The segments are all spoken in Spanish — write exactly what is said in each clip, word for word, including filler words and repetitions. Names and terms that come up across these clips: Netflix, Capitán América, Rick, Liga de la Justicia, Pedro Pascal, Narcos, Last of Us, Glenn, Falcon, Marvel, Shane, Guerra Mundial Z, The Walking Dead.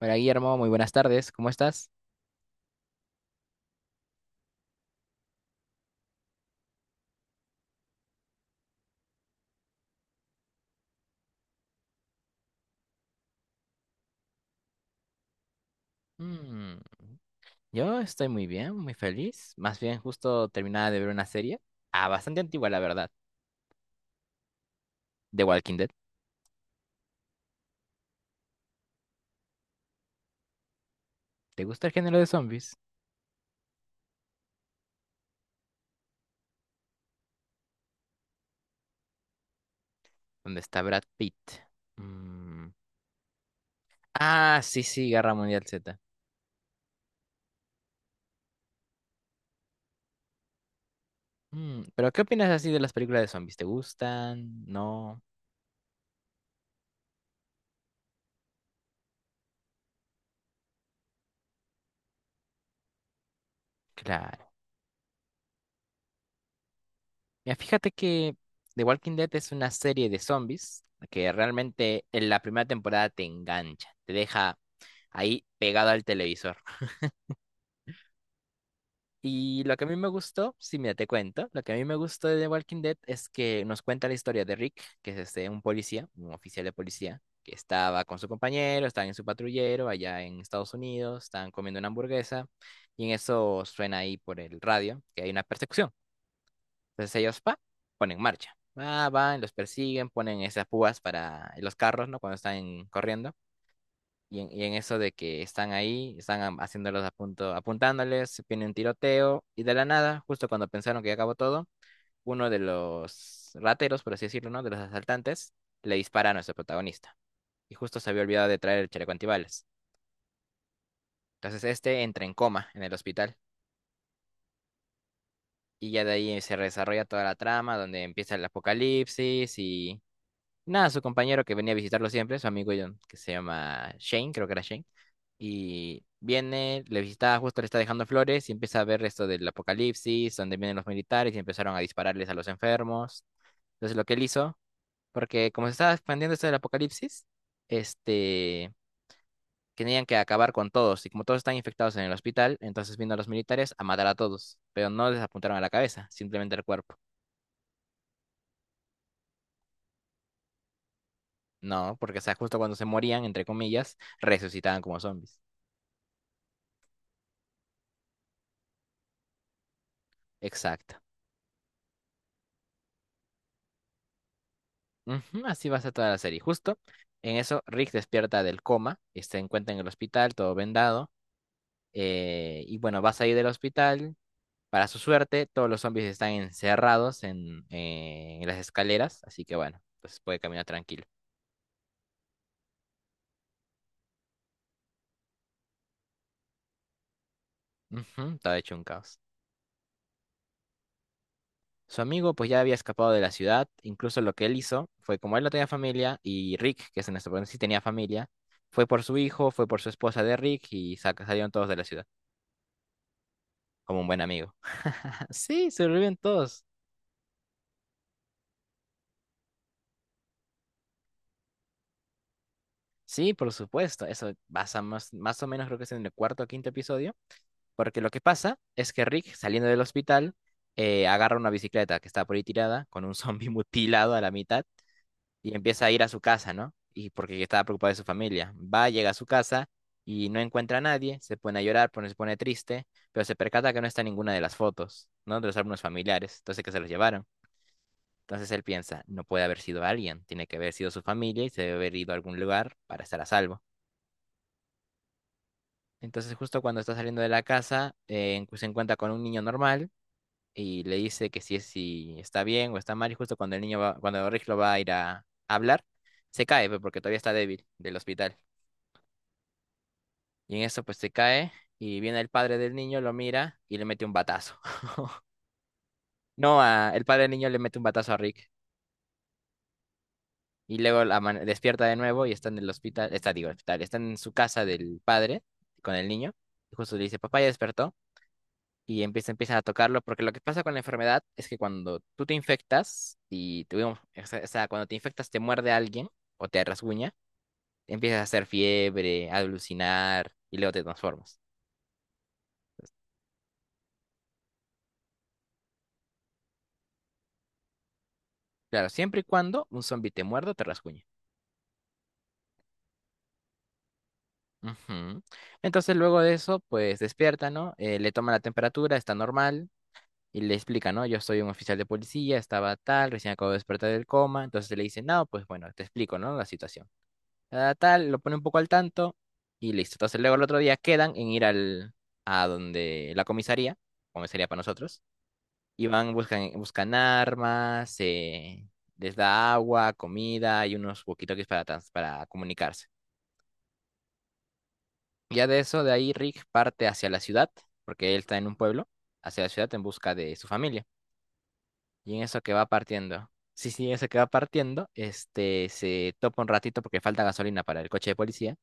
Hola Guillermo, muy buenas tardes, ¿cómo estás? Mm, yo estoy muy bien, muy feliz. Más bien, justo terminaba de ver una serie, ah, bastante antigua, la verdad, The Walking Dead. ¿Te gusta el género de zombies? ¿Dónde está Brad Pitt? Mm. Ah, sí, sí, Guerra Mundial Z. Mm, pero ¿qué opinas así de las películas de zombies? ¿Te gustan? No, claro. Mira, fíjate que The Walking Dead es una serie de zombies que realmente en la primera temporada te engancha, te deja ahí pegado al televisor. Y lo que a mí me gustó, si mira, te cuento, lo que a mí me gustó de The Walking Dead es que nos cuenta la historia de Rick, que es este, un policía, un oficial de policía, que estaba con su compañero, estaban en su patrullero allá en Estados Unidos, estaban comiendo una hamburguesa, y en eso suena ahí por el radio que hay una persecución. Entonces ellos, pa, ponen marcha. Va, van, los persiguen, ponen esas púas para los carros, ¿no? Cuando están corriendo. Y en, y en eso de que están ahí, están am- haciéndolos a punto, apuntándoles, viene un tiroteo, y de la nada, justo cuando pensaron que ya acabó todo, uno de los rateros, por así decirlo, ¿no? De los asaltantes, le dispara a nuestro protagonista. Y justo se había olvidado de traer el chaleco antibalas. Entonces este entra en coma en el hospital. Y ya de ahí se desarrolla toda la trama, donde empieza el apocalipsis y… Nada, su compañero que venía a visitarlo siempre, su amigo John, que se llama Shane, creo que era Shane. Y viene, le visita, justo le está dejando flores y empieza a ver esto del apocalipsis, donde vienen los militares y empezaron a dispararles a los enfermos. Entonces lo que él hizo, porque como se estaba expandiendo esto del apocalipsis, este, tenían que acabar con todos. Y como todos están infectados en el hospital, entonces vino a los militares a matar a todos. Pero no les apuntaron a la cabeza, simplemente al cuerpo. No, porque o sea, justo cuando se morían, entre comillas, resucitaban como zombies. Exacto. Ujú, así va a ser toda la serie. Justo en eso, Rick despierta del coma, y se encuentra en el hospital, todo vendado. Eh, y bueno, va a salir del hospital. Para su suerte, todos los zombies están encerrados en, eh, en las escaleras, así que bueno, pues puede caminar tranquilo. Ujú, todo hecho un caos. Su amigo pues ya había escapado de la ciudad, incluso lo que él hizo fue como él no tenía familia y Rick, que es nuestro protagonista, sí tenía familia, fue por su hijo, fue por su esposa de Rick y sa- salieron todos de la ciudad. Como un buen amigo. Sí, sobreviven todos. Sí, por supuesto. Eso pasa más, más o menos, creo que es en el cuarto o quinto episodio. Porque lo que pasa es que Rick, saliendo del hospital, eh, agarra una bicicleta que está por ahí tirada, con un zombie mutilado a la mitad, y empieza a ir a su casa, ¿no? Y porque estaba preocupado de su familia. Va, llega a su casa y no encuentra a nadie, se pone a llorar, pone- se pone triste, pero se percata que no está ninguna de las fotos, ¿no? De los álbumes familiares, entonces que se los llevaron. Entonces él piensa, no puede haber sido alguien, tiene que haber sido su familia y se debe haber ido a algún lugar para estar a salvo. Entonces justo cuando está saliendo de la casa, eh, se encuentra con un niño normal y le dice que si, es- si está bien o está mal y justo cuando el niño va, cuando Rick lo va a ir a, hablar, se cae pues, porque todavía está débil del hospital. Y en eso pues se cae y viene el padre del niño, lo mira y le mete un batazo. No, a- el padre del niño le mete un batazo a Rick. Y luego la despierta de nuevo y está en el hospital, está, digo, hospital, está en su casa del padre con el niño. Y justo le dice, papá ya despertó. Y empieza, empiezan a tocarlo, porque lo que pasa con la enfermedad es que cuando tú te infectas, y tuvimos, o sea, o sea, cuando te infectas te muerde alguien o te rasguña, empiezas a hacer fiebre, a alucinar y luego te transformas. Claro, siempre y cuando un zombi te muerda o te rasguñe. Ujú. Entonces luego de eso, pues despierta, ¿no? Eh, le toma la temperatura, está normal, y le explica, ¿no? Yo soy un oficial de policía, estaba tal, recién acabo de despertar del coma. Entonces le dice, no, pues bueno, te explico, ¿no? La situación. Tal, tal, lo pone un poco al tanto y listo. Entonces luego el otro día quedan en ir al, a donde la comisaría, comisaría para nosotros, y van, buscan, buscan armas, eh, les da agua, comida y unos walkie-talkies para, trans- para comunicarse. Ya de eso, de ahí Rick parte hacia la ciudad, porque él está en un pueblo, hacia la ciudad en busca de su familia. Y en eso que va partiendo. Sí, sí, en eso que va partiendo, este, se topa un ratito porque falta gasolina para el coche de policía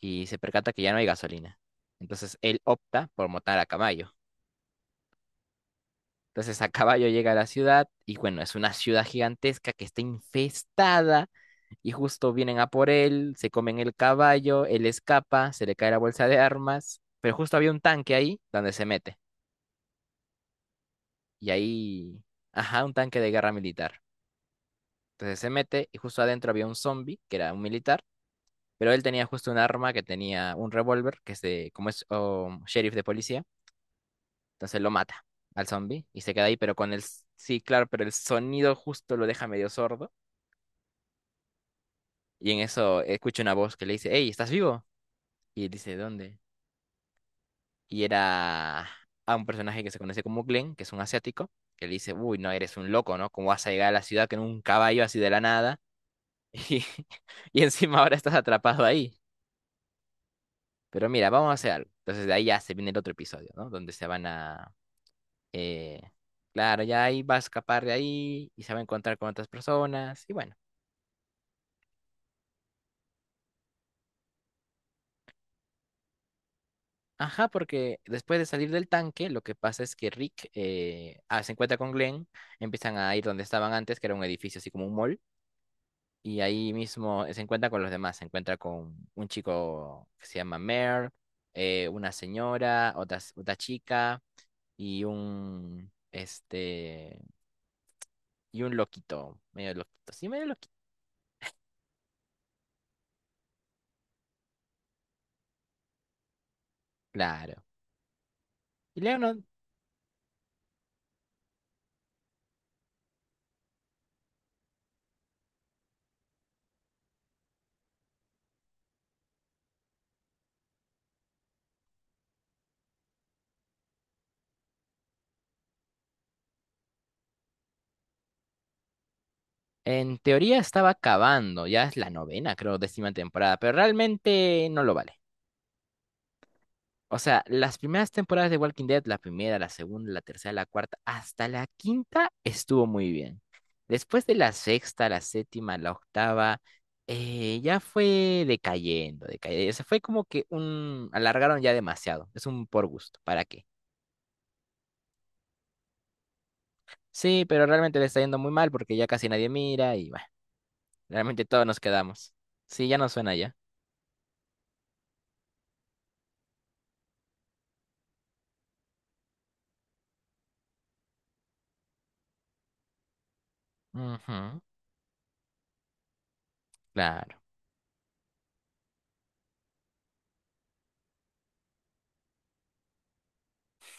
y se percata que ya no hay gasolina. Entonces él opta por montar a caballo. Entonces a caballo llega a la ciudad y bueno, es una ciudad gigantesca que está infestada y justo vienen a por él, se comen el caballo, él escapa, se le cae la bolsa de armas, pero justo había un tanque ahí donde se mete. Y ahí, ajá, un tanque de guerra militar. Entonces se mete y justo adentro había un zombie, que era un militar, pero él tenía justo un arma que tenía un revólver, que es de, como es oh, sheriff de policía, entonces lo mata al zombie y se queda ahí, pero con el, s- sí, claro, pero el sonido justo lo deja medio sordo y en eso escucha una voz que le dice, hey, ¿estás vivo? Y él dice, ¿dónde? Y era a un personaje que se conoce como Glenn, que es un asiático, que le dice, uy, no, eres un loco, ¿no? ¿Cómo vas a llegar a la ciudad con un caballo así de la nada? Y, y encima ahora estás atrapado ahí. Pero mira, vamos a hacer algo. Entonces de ahí ya se viene el otro episodio, ¿no? Donde se van a… eh, claro, ya ahí va a escapar de ahí y se va a encontrar con otras personas. Y bueno. Ajá, porque después de salir del tanque, lo que pasa es que Rick eh, ah, se encuentra con Glenn, empiezan a ir donde estaban antes, que era un edificio así como un mall, y ahí mismo se encuentra con los demás, se encuentra con un chico que se llama Mare, eh, una señora, otra, otra chica y un, este, y un loquito, medio loquito, sí, medio loquito, claro. Y Leonard, en teoría estaba acabando, ya es la novena, creo, décima temporada, pero realmente no lo vale. O sea, las primeras temporadas de Walking Dead, la primera, la segunda, la tercera, la cuarta, hasta la quinta estuvo muy bien. Después de la sexta, la séptima, la octava, eh, ya fue decayendo, decayendo. Se fue como que un… alargaron ya demasiado. Es un por gusto, ¿para qué? Sí, pero realmente le está yendo muy mal porque ya casi nadie mira y… bueno. Realmente todos nos quedamos. Sí, ya no suena ya. Ujú, claro.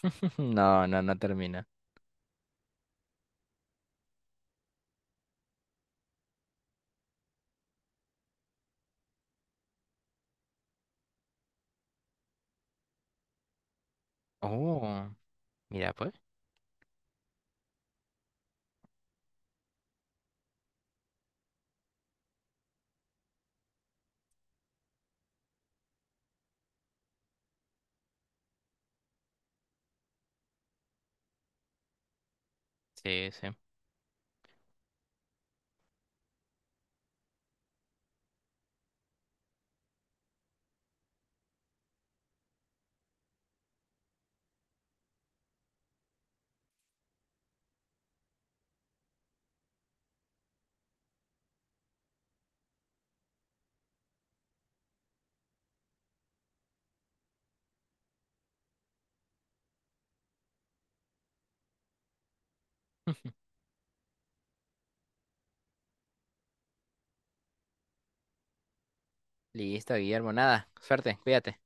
No, no, no termina. Oh, mira pues. Sí, sí. Listo, Guillermo, nada. Suerte, cuídate.